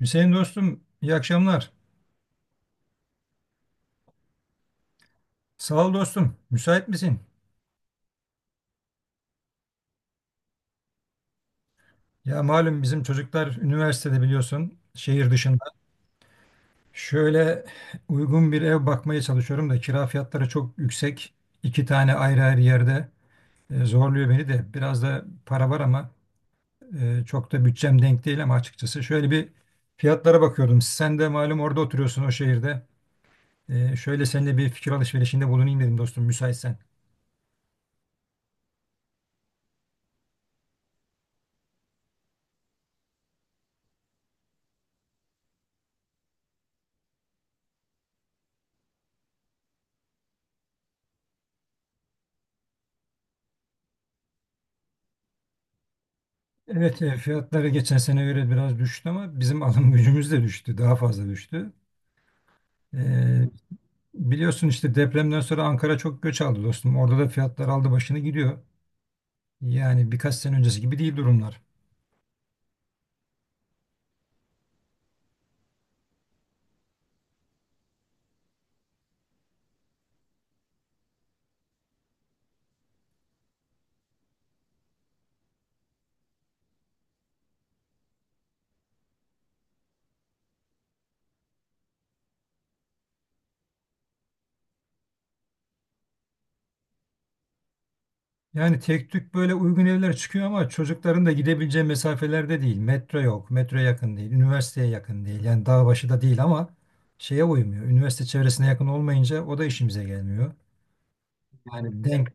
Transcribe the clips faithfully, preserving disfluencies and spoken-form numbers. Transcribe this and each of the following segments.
Hüseyin dostum, iyi akşamlar. Sağ ol dostum. Müsait misin? Ya malum bizim çocuklar üniversitede biliyorsun, şehir dışında. Şöyle uygun bir ev bakmaya çalışıyorum da kira fiyatları çok yüksek. İki tane ayrı ayrı yerde e, zorluyor beni de. Biraz da para var ama e, çok da bütçem denk değil ama açıkçası. Şöyle bir fiyatlara bakıyordum. Sen de malum orada oturuyorsun o şehirde. E, şöyle seninle bir fikir alışverişinde bulunayım dedim dostum müsaitsen. Evet, e, fiyatları geçen sene göre biraz düştü ama bizim alım gücümüz de düştü, daha fazla düştü. E, biliyorsun işte depremden sonra Ankara çok göç aldı dostum. Orada da fiyatlar aldı başını gidiyor. Yani birkaç sene öncesi gibi değil durumlar. Yani tek tük böyle uygun evler çıkıyor ama çocukların da gidebileceği mesafelerde değil. Metro yok, metro yakın değil, üniversiteye yakın değil. Yani dağ başı da değil ama şeye uymuyor. Üniversite çevresine yakın olmayınca o da işimize gelmiyor. Yani denk.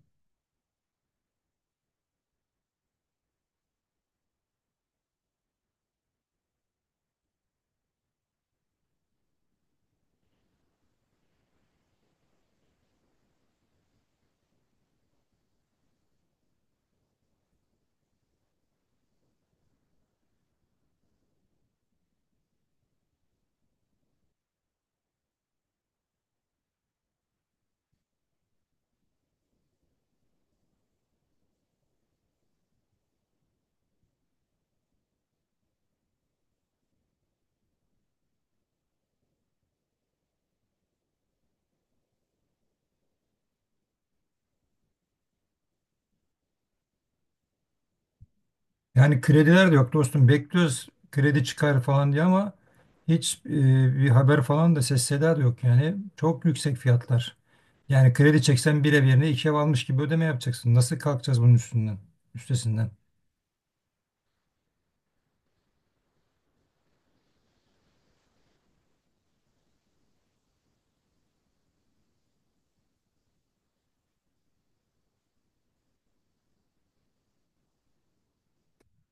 Yani krediler de yok dostum. Bekliyoruz kredi çıkar falan diye ama hiç e, bir haber falan da ses seda da yok yani. Çok yüksek fiyatlar. Yani kredi çeksen bir ev yerine iki ev almış gibi ödeme yapacaksın. Nasıl kalkacağız bunun üstünden, üstesinden?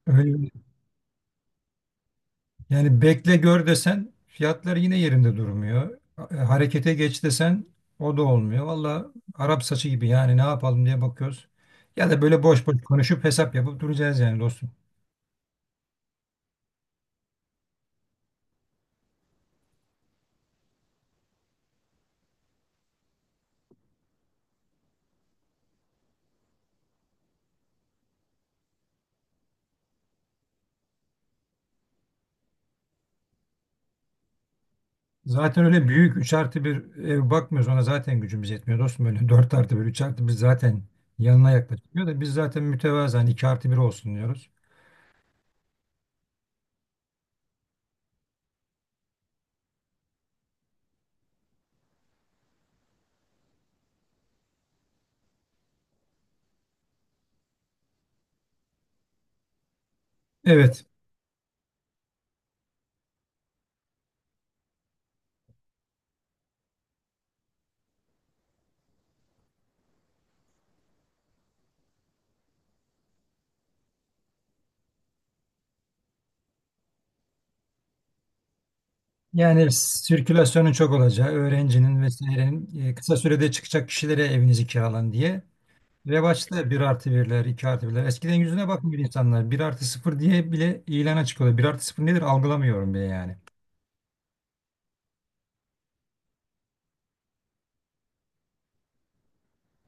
Öyle. Yani bekle gör desen fiyatlar yine yerinde durmuyor. E, Harekete geç desen o da olmuyor. Valla Arap saçı gibi yani ne yapalım diye bakıyoruz. Ya da böyle boş boş konuşup hesap yapıp duracağız yani dostum. Zaten öyle büyük üç artı bir ev bakmıyoruz. Ona zaten gücümüz yetmiyor dostum. Öyle dört artı bir üç artı bir zaten yanına yaklaşıyor da biz zaten mütevazı mütevazen iki artı bir olsun diyoruz. Evet. Yani sirkülasyonun çok olacağı, öğrencinin vesairenin e, kısa sürede çıkacak kişilere evinizi kiralan diye. Revaçta bir artı birler iki artı birler. Eskiden yüzüne bakmıyor insanlar. Bir artı sıfır diye bile ilana çıkıyorlar. Bir artı sıfır nedir algılamıyorum bile yani.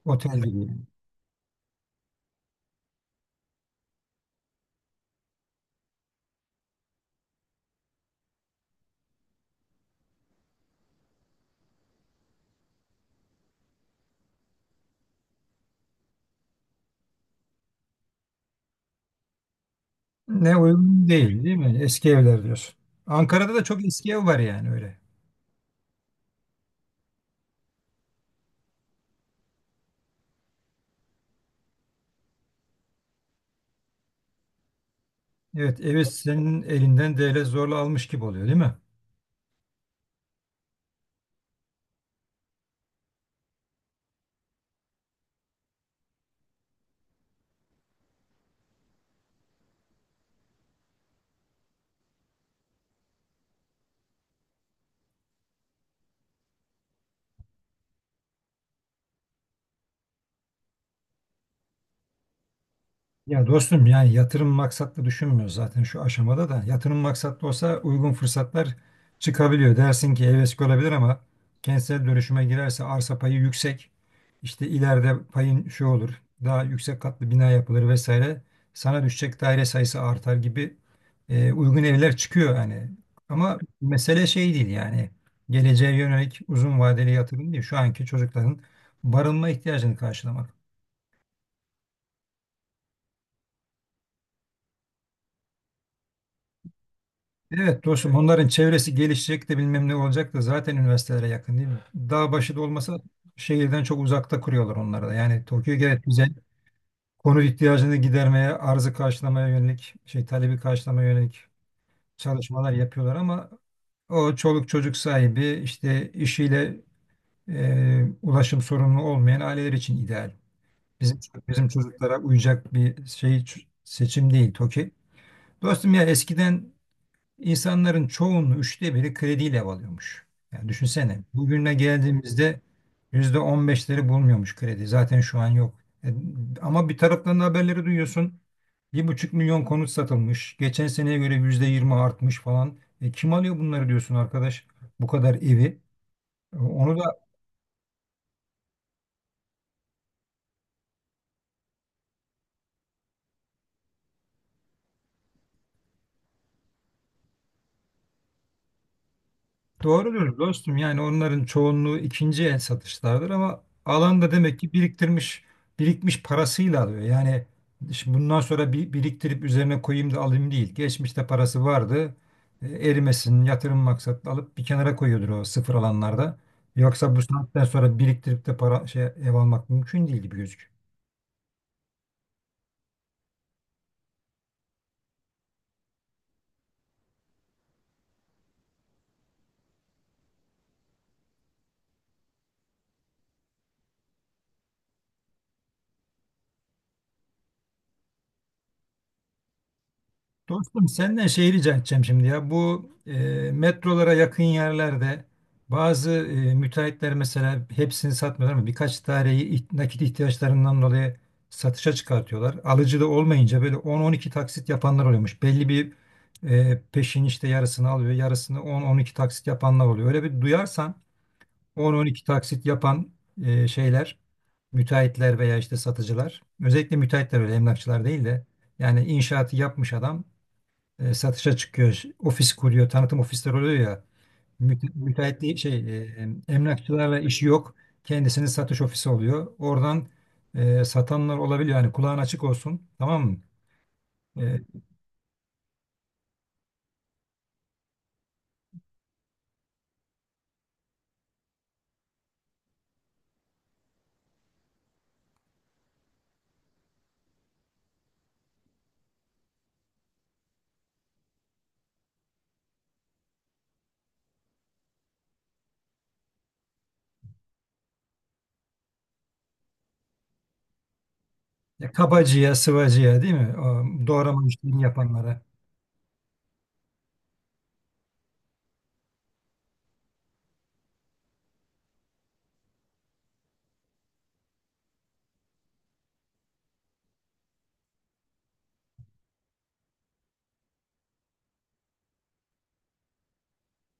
Otel gibi yani. Ne uygun değil değil mi? Eski evler diyorsun. Ankara'da da çok eski ev var yani öyle. Evet, evi senin elinden devlet zorla almış gibi oluyor, değil mi? Ya dostum yani yatırım maksatlı düşünmüyor zaten şu aşamada da. Yatırım maksatlı olsa uygun fırsatlar çıkabiliyor. Dersin ki evet olabilir ama kentsel dönüşüme girerse arsa payı yüksek. İşte ileride payın şu olur. Daha yüksek katlı bina yapılır vesaire. Sana düşecek daire sayısı artar gibi e, uygun evler çıkıyor yani. Ama mesele şey değil yani. Geleceğe yönelik uzun vadeli yatırım değil. Şu anki çocukların barınma ihtiyacını karşılamak. Evet dostum onların çevresi gelişecek de bilmem ne olacak da zaten üniversitelere yakın değil mi? Dağ başı da olmasa şehirden çok uzakta kuruyorlar onları da. Yani Tokyo gayet güzel. Konut ihtiyacını gidermeye, arzı karşılamaya yönelik, şey talebi karşılamaya yönelik çalışmalar yapıyorlar ama o çoluk çocuk sahibi işte işiyle e, ulaşım sorunlu olmayan aileler için ideal. Bizim bizim çocuklara uyacak bir şey seçim değil Tokyo. Dostum ya eskiden İnsanların çoğunun üçte biri krediyle ev alıyormuş. Yani düşünsene bugüne geldiğimizde yüzde on beşleri bulmuyormuş kredi. Zaten şu an yok. E, ama bir taraftan da haberleri duyuyorsun. Bir buçuk milyon konut satılmış. Geçen seneye göre yüzde yirmi artmış falan. E, kim alıyor bunları diyorsun arkadaş? Bu kadar evi. E, onu da. Doğrudur dostum. Yani onların çoğunluğu ikinci el satışlardır ama alan da demek ki biriktirmiş, birikmiş parasıyla alıyor. Yani şimdi bundan sonra bir, biriktirip üzerine koyayım da alayım değil. Geçmişte parası vardı. E, erimesin, yatırım maksatlı alıp bir kenara koyuyordur o sıfır alanlarda. Yoksa bu saatten sonra biriktirip de para şey ev almak mümkün değil gibi gözüküyor. Dostum senden şey rica edeceğim şimdi ya. Bu e, metrolara yakın yerlerde bazı e, müteahhitler mesela hepsini satmıyorlar ama birkaç taneyi iht- nakit ihtiyaçlarından dolayı satışa çıkartıyorlar. Alıcı da olmayınca böyle on, on iki taksit yapanlar oluyormuş. Belli bir e, peşin işte yarısını alıyor, yarısını on, on iki taksit yapanlar oluyor. Öyle bir duyarsan on, on iki taksit yapan e, şeyler, müteahhitler veya işte satıcılar. Özellikle müteahhitler öyle emlakçılar değil de yani inşaatı yapmış adam e, satışa çıkıyor. Ofis kuruyor, tanıtım ofisleri oluyor ya. Müte, müteahhitliği şey e, emlakçılarla işi yok. Kendisinin satış ofisi oluyor. Oradan e, satanlar olabiliyor. Yani kulağın açık olsun. Tamam mı? E, ya kabacıya, sıvacıya değil mi? O, doğrama işlerini yapanlara.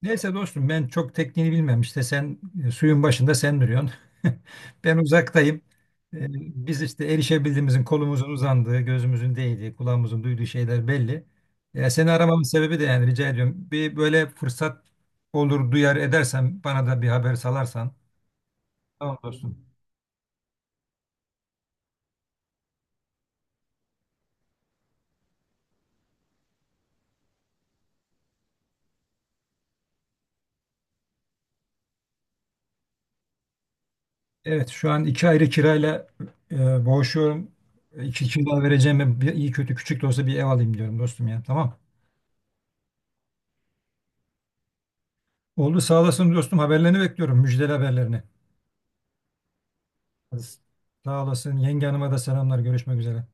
Neyse dostum ben çok tekniğini bilmem işte sen e, suyun başında sen duruyorsun. Ben uzaktayım. E, Biz işte erişebildiğimizin kolumuzun uzandığı, gözümüzün değdiği, kulağımızın duyduğu şeyler belli. E, seni aramamın sebebi de yani rica ediyorum. Bir böyle fırsat olur duyar edersen bana da bir haber salarsan. Tamam dostum. Evet şu an iki ayrı kirayla e, boğuşuyorum. E, İki kira vereceğim bir iyi kötü küçük de olsa bir ev alayım diyorum dostum ya. Tamam. Oldu sağ olasın dostum haberlerini bekliyorum müjdeli haberlerini. Hadi. Sağ olasın. Yenge hanıma da selamlar. Görüşmek üzere.